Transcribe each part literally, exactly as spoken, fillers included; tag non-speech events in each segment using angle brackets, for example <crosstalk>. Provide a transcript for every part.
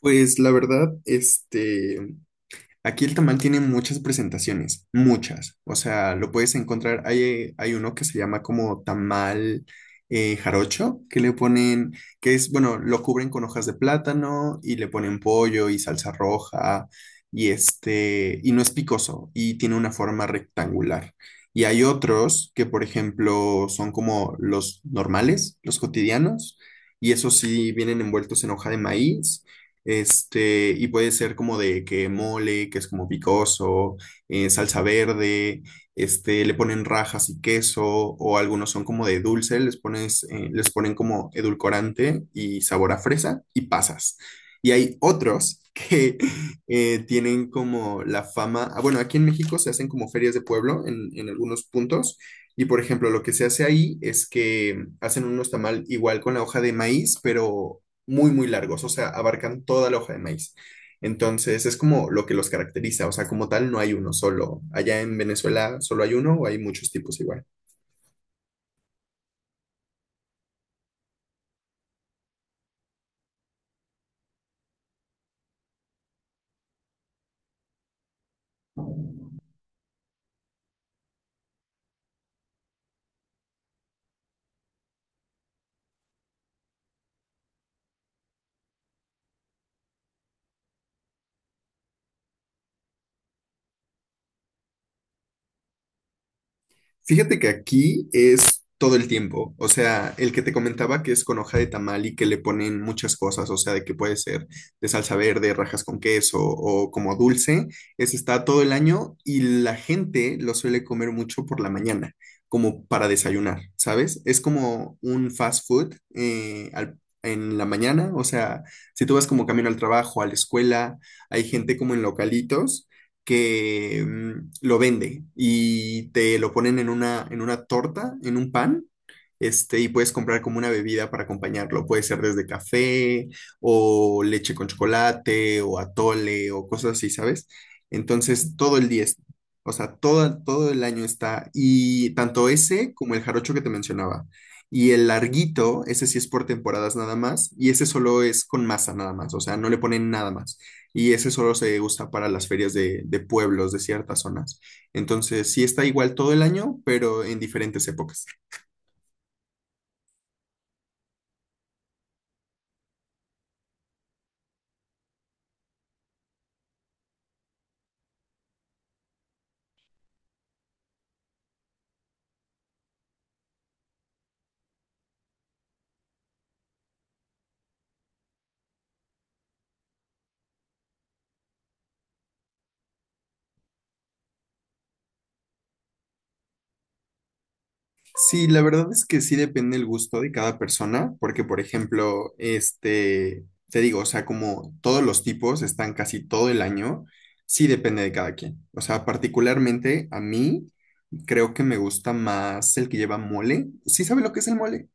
Pues la verdad, este, aquí el tamal tiene muchas presentaciones, muchas. O sea, lo puedes encontrar, hay, hay uno que se llama como tamal eh, jarocho, que le ponen, que es, bueno, lo cubren con hojas de plátano y le ponen pollo y salsa roja y este, y no es picoso y tiene una forma rectangular. Y hay otros que, por ejemplo, son como los normales, los cotidianos, y esos sí vienen envueltos en hoja de maíz este, y puede ser como de que mole, que es como picoso, eh, salsa verde, este, le ponen rajas y queso, o algunos son como de dulce, les pones, eh, les ponen como edulcorante y sabor a fresa y pasas. Y hay otros que <laughs> eh, tienen como la fama, ah, bueno, aquí en México se hacen como ferias de pueblo en, en algunos puntos, y por ejemplo, lo que se hace ahí es que hacen unos tamal igual con la hoja de maíz, pero muy, muy largos, o sea, abarcan toda la hoja de maíz. Entonces, es como lo que los caracteriza, o sea, como tal no hay uno solo. Allá en Venezuela solo hay uno o hay muchos tipos igual. Fíjate que aquí es todo el tiempo. O sea, el que te comentaba que es con hoja de tamal y que le ponen muchas cosas, o sea, de que puede ser de salsa verde, rajas con queso o como dulce, ese está todo el año y la gente lo suele comer mucho por la mañana, como para desayunar, ¿sabes? Es como un fast food eh, al- en la mañana, o sea, si tú vas como camino al trabajo, a la escuela, hay gente como en localitos que mm, lo vende y te lo ponen en una, en una torta, en un pan, este, y puedes comprar como una bebida para acompañarlo. Puede ser desde café o leche con chocolate o atole o cosas así, ¿sabes? Entonces, todo el día, es- o sea, todo, todo el año está. Y tanto ese como el jarocho que te mencionaba. Y el larguito, ese sí es por temporadas nada más. Y ese solo es con masa nada más. O sea, no le ponen nada más. Y ese solo se usa para las ferias de, de pueblos, de ciertas zonas. Entonces, sí está igual todo el año, pero en diferentes épocas. Sí, la verdad es que sí depende el gusto de cada persona, porque por ejemplo, este, te digo, o sea, como todos los tipos están casi todo el año, sí depende de cada quien. O sea, particularmente a mí creo que me gusta más el que lleva mole. ¿Sí sabe lo que es el mole?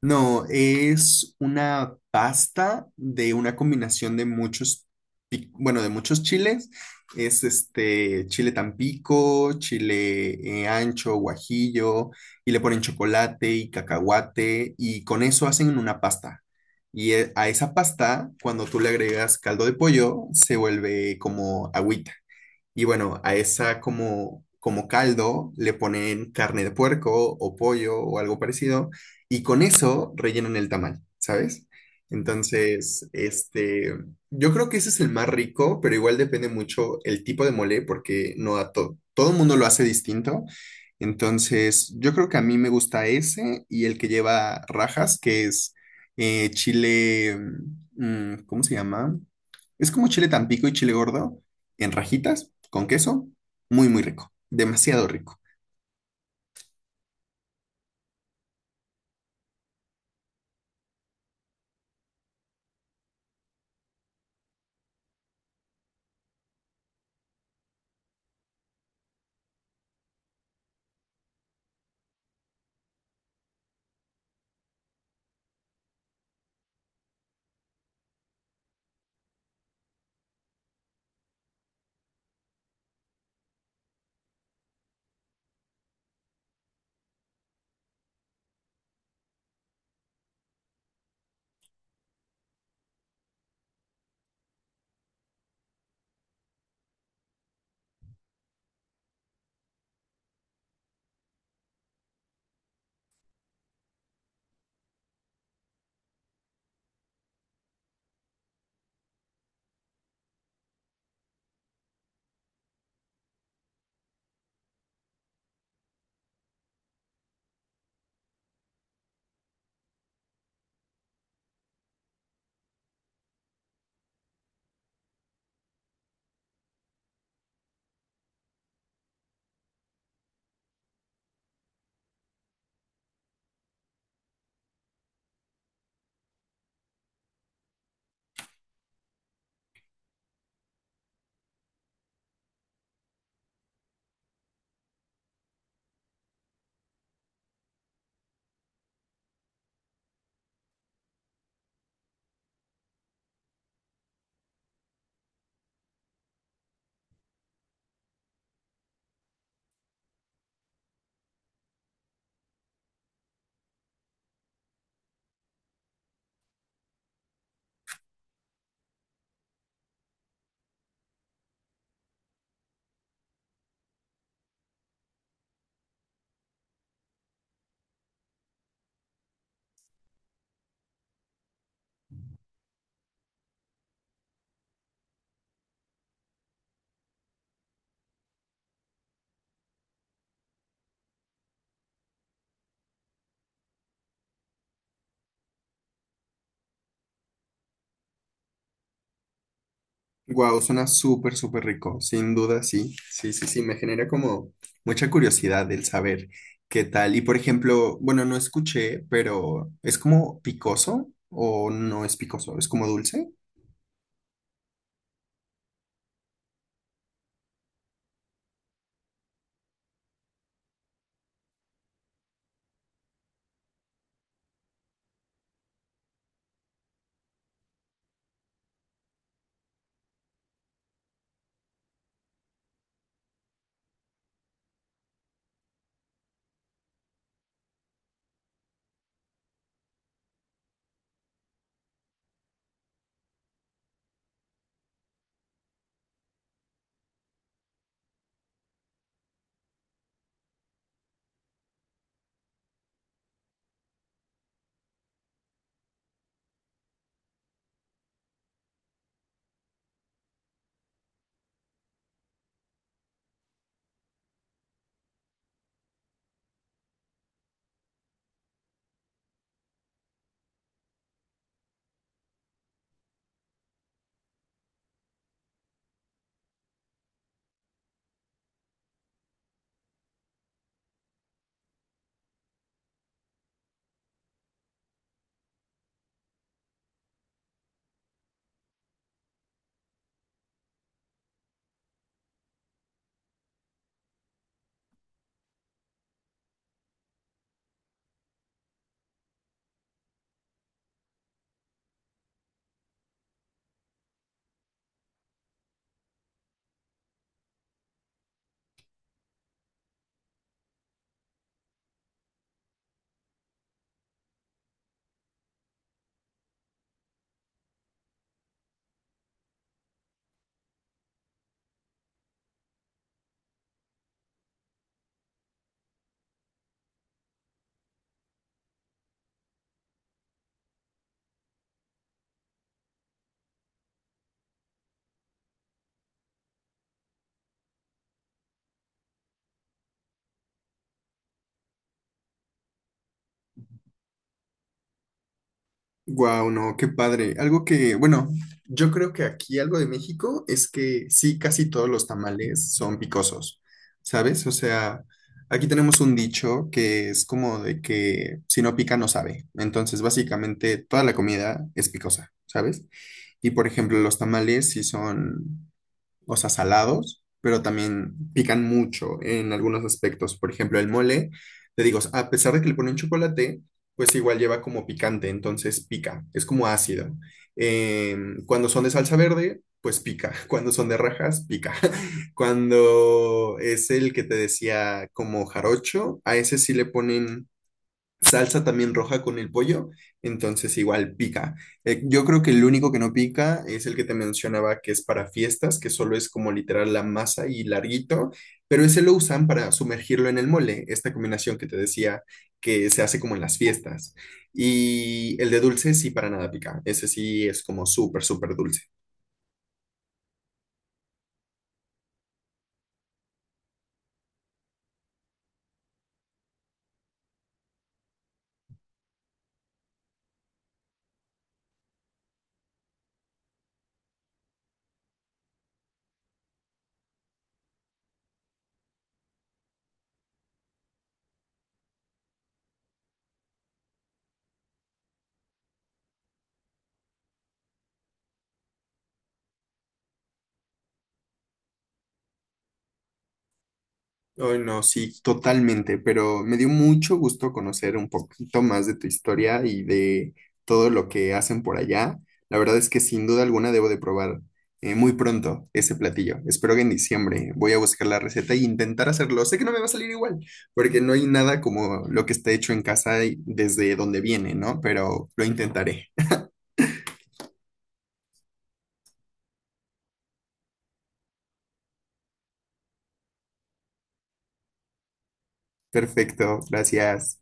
No, es una pasta de una combinación de muchos, pi- bueno, de muchos chiles. Es este chile tampico, chile eh, ancho, guajillo, y le ponen chocolate y cacahuate, y con eso hacen una pasta. Y eh, a esa pasta, cuando tú le agregas caldo de pollo, se vuelve como agüita. Y bueno, a esa como, como caldo le ponen carne de puerco o pollo o algo parecido, y con eso rellenan el tamal, ¿sabes? Entonces, este, yo creo que ese es el más rico, pero igual depende mucho el tipo de mole, porque no a todo, todo el mundo lo hace distinto. Entonces, yo creo que a mí me gusta ese y el que lleva rajas, que es eh, chile, mm, ¿cómo se llama? Es como chile tampico y chile gordo, en rajitas con queso. Muy, muy rico. Demasiado rico. Wow, suena súper, súper rico. Sin duda, sí. Sí, sí, sí. Me genera como mucha curiosidad el saber qué tal. Y por ejemplo, bueno, no escuché, pero ¿es como picoso o no es picoso? ¿Es como dulce? Wow, no, qué padre. Algo que, bueno, yo creo que aquí algo de México es que sí, casi todos los tamales son picosos, ¿sabes? O sea, aquí tenemos un dicho que es como de que si no pica no sabe. Entonces, básicamente toda la comida es picosa, ¿sabes? Y por ejemplo, los tamales sí son o sea, salados, pero también pican mucho en algunos aspectos. Por ejemplo, el mole, te digo, a pesar de que le ponen chocolate, pues igual lleva como picante, entonces pica, es como ácido. Em, cuando son de salsa verde, pues pica. <laughs> Cuando son de rajas, pica. <laughs> Cuando es el que te decía como jarocho, a ese sí le ponen salsa también roja con el pollo, entonces igual pica. Eh, yo creo que el único que no pica es el que te mencionaba que es para fiestas, que solo es como literal la masa y larguito, pero ese lo usan para sumergirlo en el mole, esta combinación que te decía que se hace como en las fiestas. Y el de dulce sí para nada pica, ese sí es como súper, súper dulce. Ay, no, sí, totalmente, pero me dio mucho gusto conocer un poquito más de tu historia y de todo lo que hacen por allá. La verdad es que sin duda alguna debo de probar eh, muy pronto ese platillo. Espero que en diciembre voy a buscar la receta e intentar hacerlo. Sé que no me va a salir igual, porque no hay nada como lo que está hecho en casa y desde donde viene, ¿no? Pero lo intentaré. Perfecto, gracias.